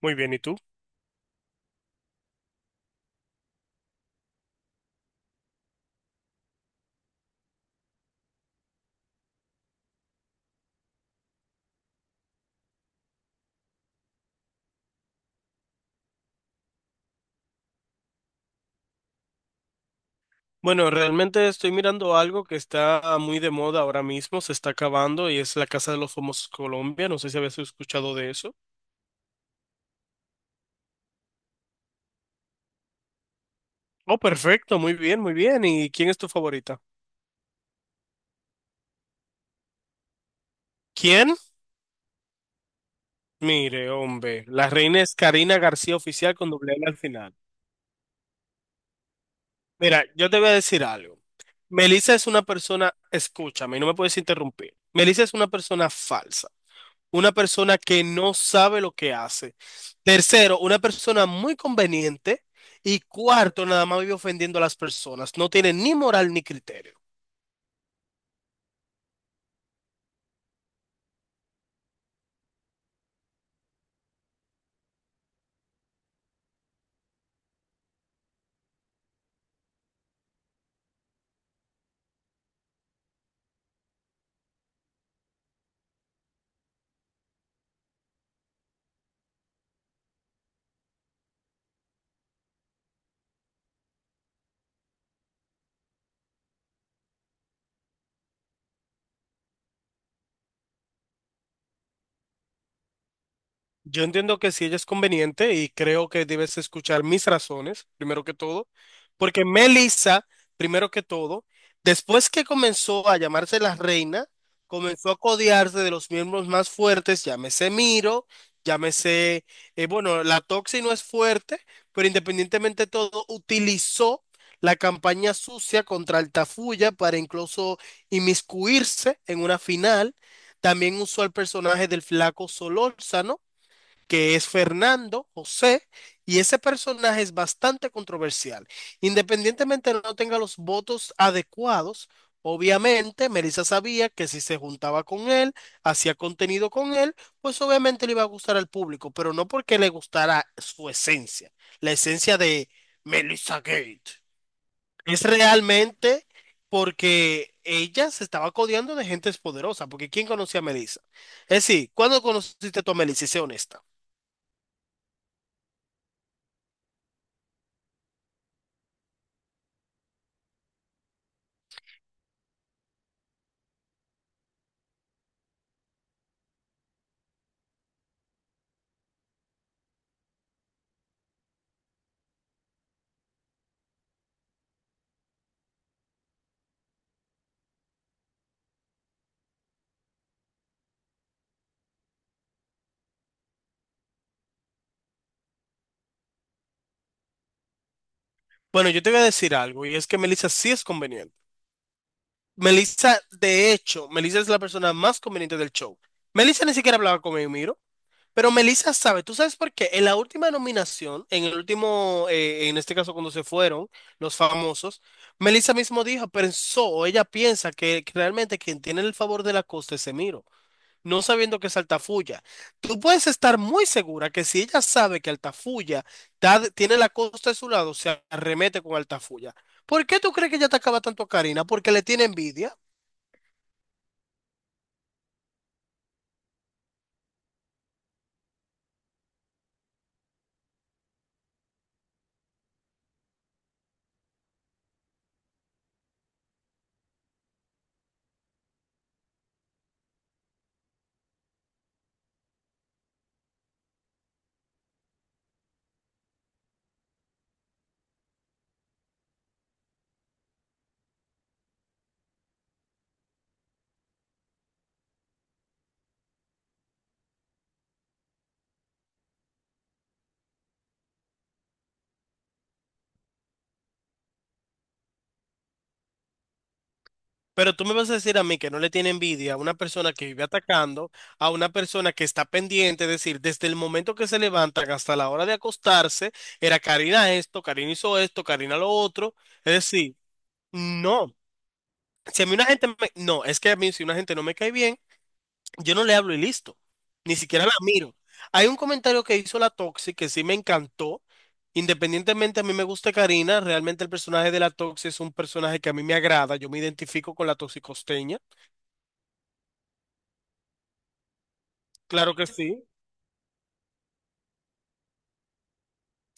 Muy bien, ¿y tú? Bueno, realmente estoy mirando algo que está muy de moda ahora mismo, se está acabando y es La Casa de los Famosos Colombia. No sé si habías escuchado de eso. Oh, perfecto, muy bien, muy bien. ¿Y quién es tu favorita? ¿Quién? Mire, hombre, la reina es Karina García Oficial con doble L al final. Mira, yo te voy a decir algo. Melissa es una persona, escúchame, no me puedes interrumpir. Melissa es una persona falsa, una persona que no sabe lo que hace. Tercero, una persona muy conveniente. Y cuarto, nada más vive ofendiendo a las personas. No tiene ni moral ni criterio. Yo entiendo que si ella es conveniente y creo que debes escuchar mis razones, primero que todo, porque Melissa, primero que todo, después que comenzó a llamarse la reina, comenzó a codearse de los miembros más fuertes, llámese Miro, llámese, bueno, la Toxi no es fuerte, pero independientemente de todo, utilizó la campaña sucia contra Altafulla para incluso inmiscuirse en una final. También usó el personaje del flaco Solórzano, que es Fernando José, y ese personaje es bastante controversial. Independientemente de no tenga los votos adecuados, obviamente Melissa sabía que si se juntaba con él, hacía contenido con él, pues obviamente le iba a gustar al público, pero no porque le gustara su esencia, la esencia de Melissa Gate. Es realmente porque ella se estaba codeando de gente poderosa, porque ¿quién conocía a Melissa? Es decir, ¿cuándo conociste tú a Melissa? Y sé honesta. Bueno, yo te voy a decir algo, y es que Melissa sí es conveniente. Melissa, de hecho, Melissa es la persona más conveniente del show. Melissa ni siquiera hablaba con Emiro, pero Melissa sabe, ¿tú sabes por qué? En la última nominación, en el último, en este caso cuando se fueron los famosos, Melissa mismo dijo, pensó, o ella piensa que realmente quien tiene el favor de la costa es Emiro, no sabiendo que es Altafulla. Tú puedes estar muy segura que si ella sabe que Altafulla tiene la costa de su lado, se arremete con Altafulla. ¿Por qué tú crees que ella te acaba tanto a Karina? Porque le tiene envidia. Pero tú me vas a decir a mí que no le tiene envidia a una persona que vive atacando, a una persona que está pendiente, es decir, desde el momento que se levantan hasta la hora de acostarse, era Karina esto, Karina hizo esto, Karina lo otro. Es decir, no. Si a mí una gente me... No, es que a mí si una gente no me cae bien, yo no le hablo y listo. Ni siquiera la miro. Hay un comentario que hizo la Toxi que sí me encantó. Independientemente, a mí me gusta Karina. Realmente el personaje de la Toxi es un personaje que a mí me agrada. Yo me identifico con la toxicosteña. Claro que sí.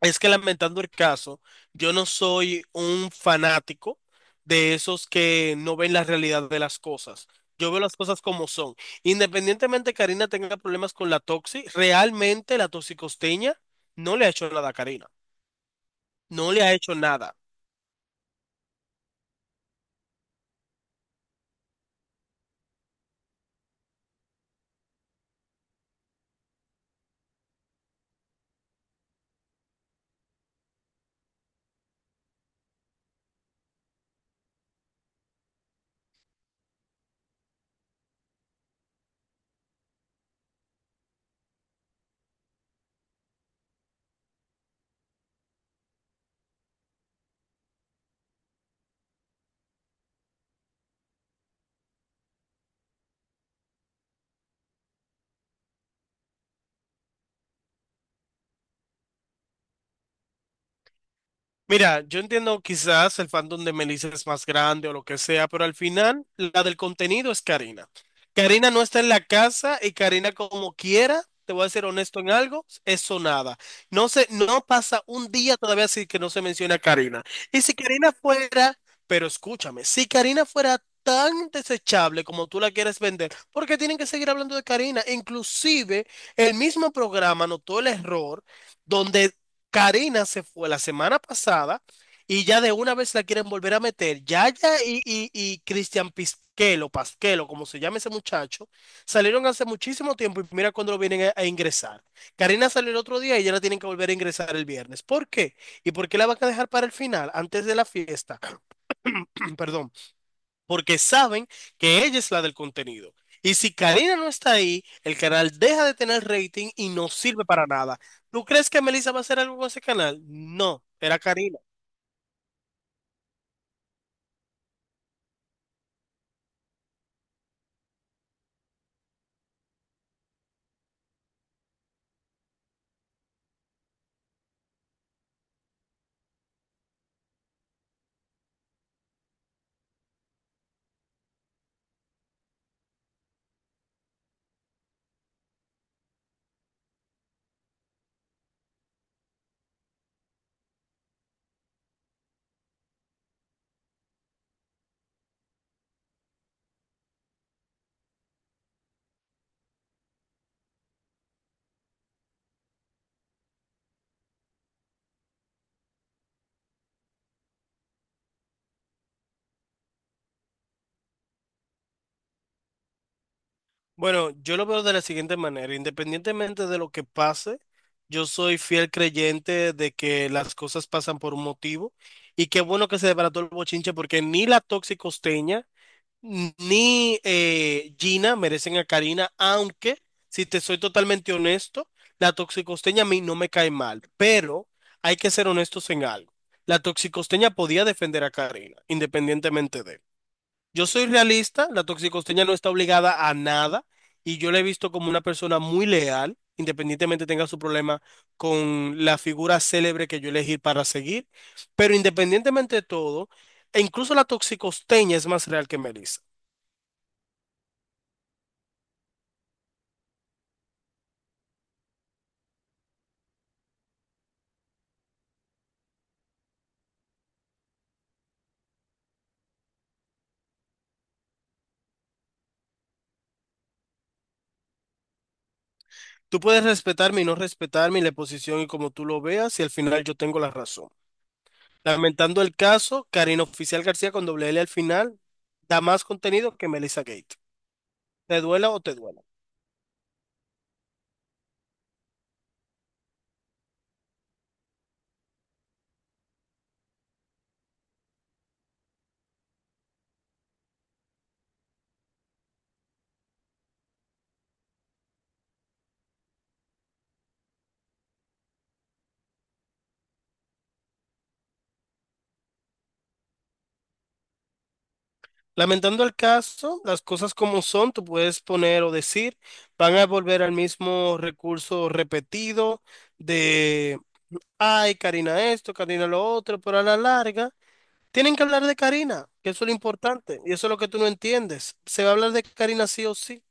Es que lamentando el caso, yo no soy un fanático de esos que no ven la realidad de las cosas. Yo veo las cosas como son. Independientemente Karina tenga problemas con la Toxi, realmente la toxicosteña no le ha hecho nada a Karina. No le ha hecho nada. Mira, yo entiendo quizás el fandom de Melissa es más grande o lo que sea, pero al final la del contenido es Karina. Karina no está en la casa y Karina como quiera, te voy a ser honesto en algo, es sonada. No se, no pasa un día todavía así que no se menciona a Karina. Y si Karina fuera, pero escúchame, si Karina fuera tan desechable como tú la quieres vender, ¿por qué tienen que seguir hablando de Karina? Inclusive el mismo programa notó el error donde Karina se fue la semana pasada y ya de una vez la quieren volver a meter. Yaya y Cristian Pisquelo, Pasquelo, como se llama ese muchacho, salieron hace muchísimo tiempo y mira cuando lo vienen a ingresar. Karina salió el otro día y ya la tienen que volver a ingresar el viernes. ¿Por qué? ¿Y por qué la van a dejar para el final, antes de la fiesta? Perdón, porque saben que ella es la del contenido. Y si Karina no está ahí, el canal deja de tener rating y no sirve para nada. ¿Tú crees que Melissa va a hacer algo con ese canal? No, era Karina. Bueno, yo lo veo de la siguiente manera, independientemente de lo que pase, yo soy fiel creyente de que las cosas pasan por un motivo y qué bueno que se desbarató el bochinche porque ni la toxicosteña ni Gina merecen a Karina, aunque, si te soy totalmente honesto, la toxicosteña a mí no me cae mal, pero hay que ser honestos en algo. La toxicosteña podía defender a Karina, independientemente de. Él. Yo soy realista, la toxicosteña no está obligada a nada y yo la he visto como una persona muy leal, independientemente tenga su problema con la figura célebre que yo elegí para seguir, pero independientemente de todo, e incluso la toxicosteña es más real que Melissa. Tú puedes respetarme y no respetarme y la posición y como tú lo veas y al final yo tengo la razón. Lamentando el caso, Karina Oficial García con doble L al final da más contenido que Melissa Gate. Te duela o te duela. Lamentando el caso, las cosas como son, tú puedes poner o decir, van a volver al mismo recurso repetido de, ay, Karina esto, Karina lo otro, pero a la larga. Tienen que hablar de Karina, que eso es lo importante, y eso es lo que tú no entiendes. Se va a hablar de Karina sí o sí.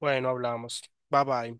Bueno, hablamos. Bye bye.